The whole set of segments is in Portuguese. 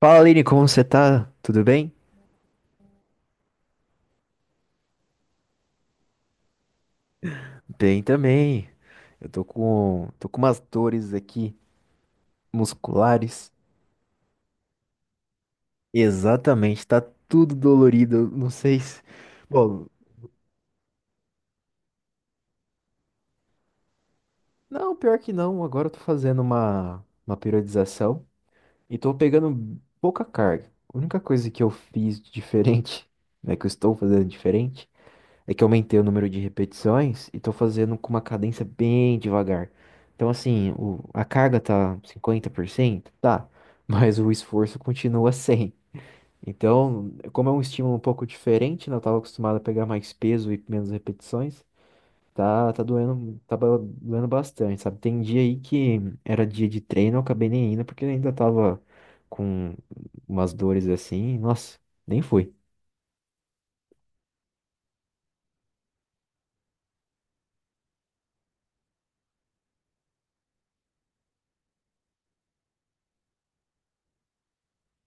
Fala, Aline, como você tá? Tudo bem? Bem também. Eu tô com umas dores aqui musculares. Exatamente, tá tudo dolorido. Eu não sei se. Bom, não, pior que não. Agora eu tô fazendo uma periodização e tô pegando pouca carga. A única coisa que eu fiz de diferente, né, que eu estou fazendo diferente, é que eu aumentei o número de repetições e tô fazendo com uma cadência bem devagar. Então, assim, a carga tá 50%, tá, mas o esforço continua 100. Então, como é um estímulo um pouco diferente, né? Eu tava acostumado a pegar mais peso e menos repetições. Tá, tá doendo, tá doendo bastante, sabe? Tem dia aí que era dia de treino, eu acabei nem indo porque ainda tava com umas dores assim. Nossa, nem fui.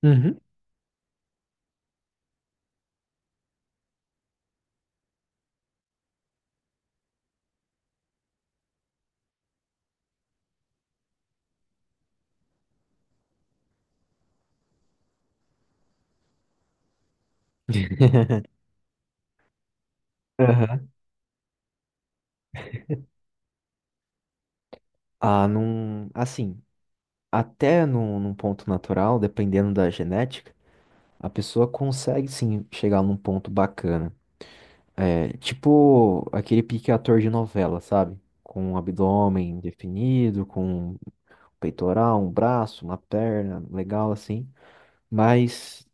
Uhum. Aham. Ah, não. Assim. Até num ponto natural, dependendo da genética, a pessoa consegue sim chegar num ponto bacana. É, tipo aquele pique ator de novela, sabe? Com um abdômen definido, com um peitoral, um braço, uma perna, legal assim. Mas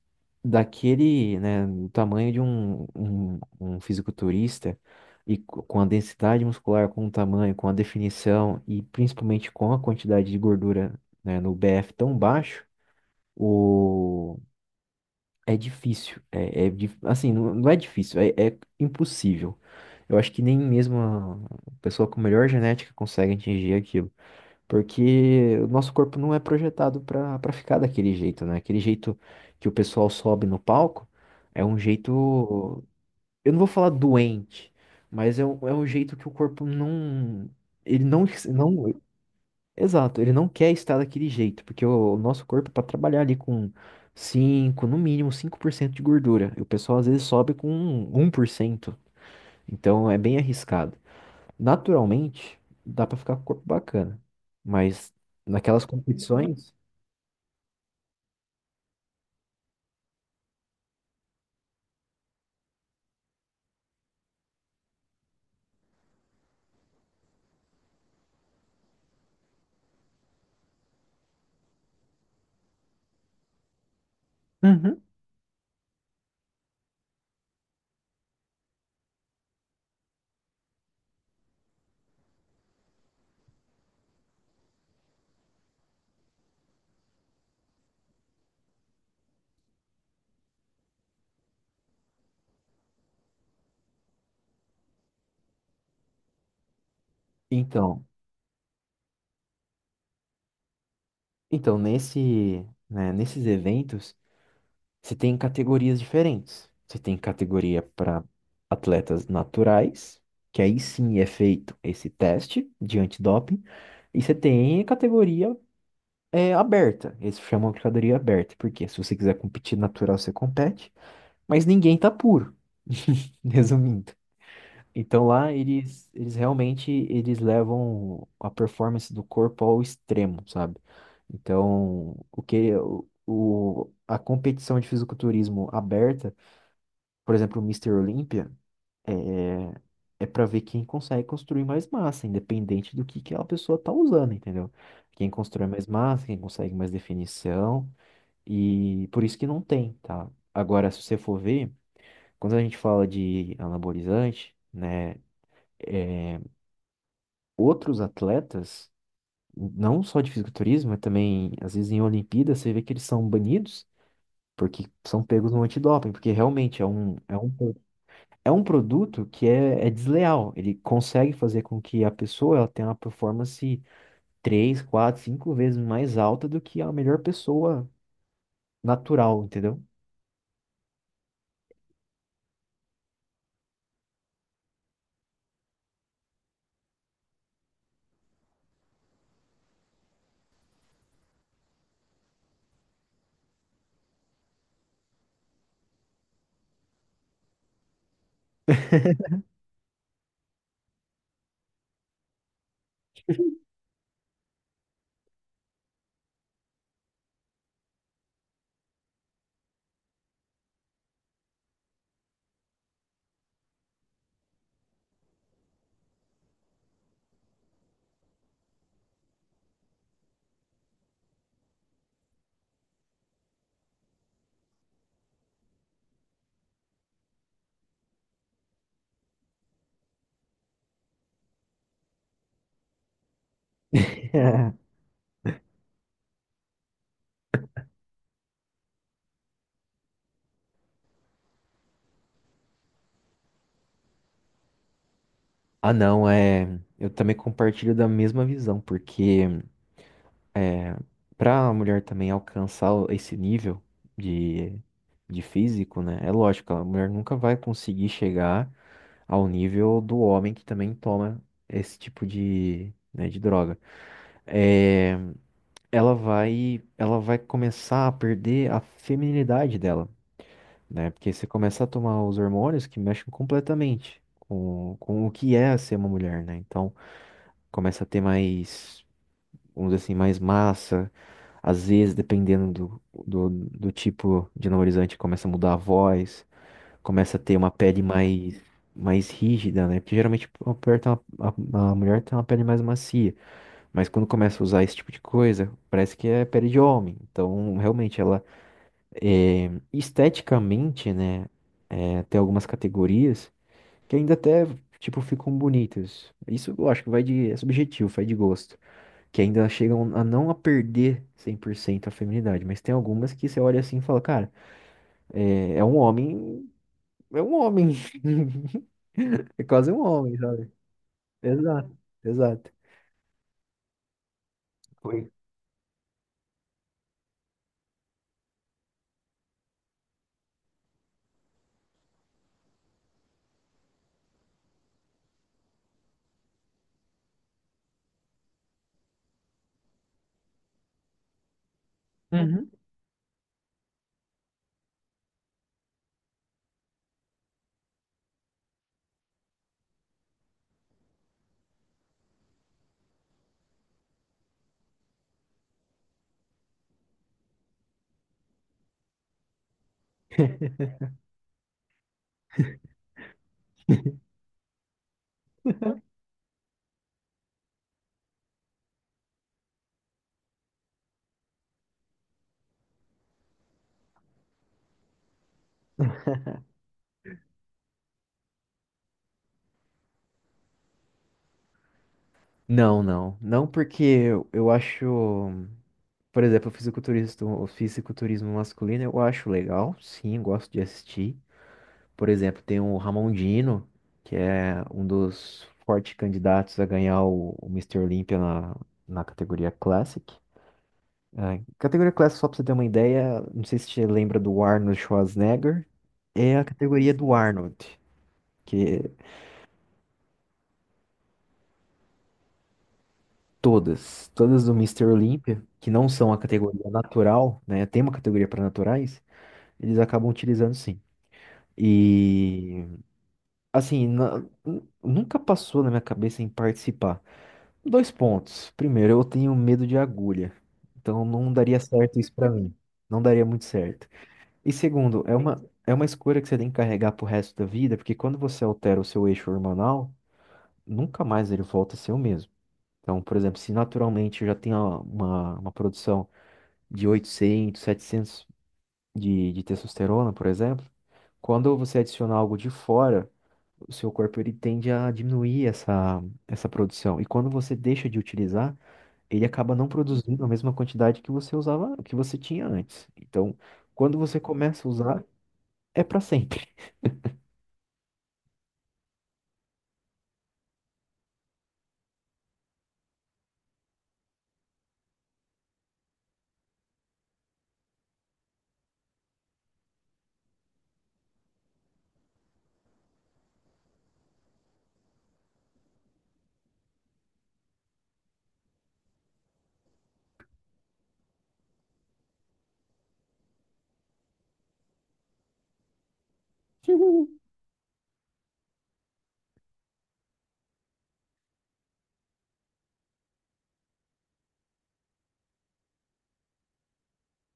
daquele, né, do tamanho de um fisiculturista e com a densidade muscular, com o tamanho, com a definição e principalmente com a quantidade de gordura, né, no BF tão baixo, o... É difícil. Assim, não é difícil, é impossível. Eu acho que nem mesmo a pessoa com melhor genética consegue atingir aquilo. Porque o nosso corpo não é projetado para ficar daquele jeito, né? Aquele jeito que o pessoal sobe no palco é um jeito. Eu não vou falar doente, mas é um jeito que o corpo não. Ele não, não. Exato, ele não quer estar daquele jeito, porque o nosso corpo é para trabalhar ali com 5, no mínimo 5% de gordura. E o pessoal às vezes sobe com 1%, então é bem arriscado. Naturalmente, dá para ficar com o corpo bacana, mas naquelas competições. Uhum. então, então nesse, né, nesses eventos. Você tem categorias diferentes. Você tem categoria para atletas naturais, que aí sim é feito esse teste de antidoping. E você tem categoria aberta. Eles chamam de categoria aberta, porque se você quiser competir natural, você compete, mas ninguém tá puro. Resumindo. Então lá eles realmente eles levam a performance do corpo ao extremo, sabe? Então, o que a competição de fisiculturismo aberta, por exemplo, o Mister Olímpia é, é para ver quem consegue construir mais massa, independente do que a pessoa tá usando, entendeu? Quem constrói mais massa, quem consegue mais definição, e por isso que não tem, tá? Agora, se você for ver, quando a gente fala de anabolizante, né? Outros atletas, não só de fisiculturismo, mas também, às vezes, em Olimpíadas, você vê que eles são banidos porque são pegos no antidoping, porque realmente é um produto que é desleal. Ele consegue fazer com que a pessoa ela tenha uma performance três quatro cinco vezes mais alta do que a melhor pessoa natural, entendeu? Ah, não, é. Eu também compartilho da mesma visão, porque. Para a mulher também alcançar esse nível de, de físico, né? É lógico, a mulher nunca vai conseguir chegar ao nível do homem que também toma esse tipo de, né, de droga. É, ela vai começar a perder a feminilidade dela, né? Porque você começa a tomar os hormônios que mexem completamente com o que é ser uma mulher, né? Então, começa a ter mais, vamos dizer assim, mais massa. Às vezes, dependendo do tipo de anabolizante, começa a mudar a voz, começa a ter uma pele mais rígida, né? Porque geralmente a mulher tem uma pele mais macia, mas quando começa a usar esse tipo de coisa, parece que é pele de homem. Então, realmente, ela é, esteticamente, né? É, tem algumas categorias que ainda até, tipo, ficam bonitas. Isso eu acho que vai de, é subjetivo, vai de gosto, que ainda chegam a não a perder 100% a feminidade, mas tem algumas que você olha assim e fala, cara, é um homem, é um homem, é quase um homem, sabe? Exato, exato. Foi. Uhum. Não, não. Não porque eu acho, por exemplo, o fisiculturista, o fisiculturismo masculino, eu acho legal, sim, gosto de assistir. Por exemplo, tem o Ramondino, que é um dos fortes candidatos a ganhar o Mr. Olympia na categoria Classic. É, categoria Classic, só pra você ter uma ideia, não sei se você lembra do Arnold Schwarzenegger, é a categoria do Arnold, que todas do Mister Olympia, que não são a categoria natural, né? Tem uma categoria para naturais, eles acabam utilizando sim. E assim, nunca passou na minha cabeça em participar. Dois pontos. Primeiro, eu tenho medo de agulha. Então não daria certo isso pra mim. Não daria muito certo. E segundo, é uma escolha que você tem que carregar pro resto da vida, porque quando você altera o seu eixo hormonal, nunca mais ele volta a ser o mesmo. Então, por exemplo, se naturalmente eu já tenho uma produção de 800, 700 de testosterona, por exemplo, quando você adicionar algo de fora, o seu corpo ele tende a diminuir essa produção. E quando você deixa de utilizar, ele acaba não produzindo a mesma quantidade que você usava, que você tinha antes. Então, quando você começa a usar, é para sempre.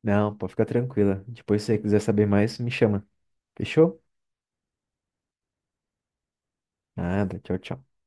Não, pode ficar tranquila. Depois, se você quiser saber mais, me chama. Fechou? Nada. Tchau, tchau.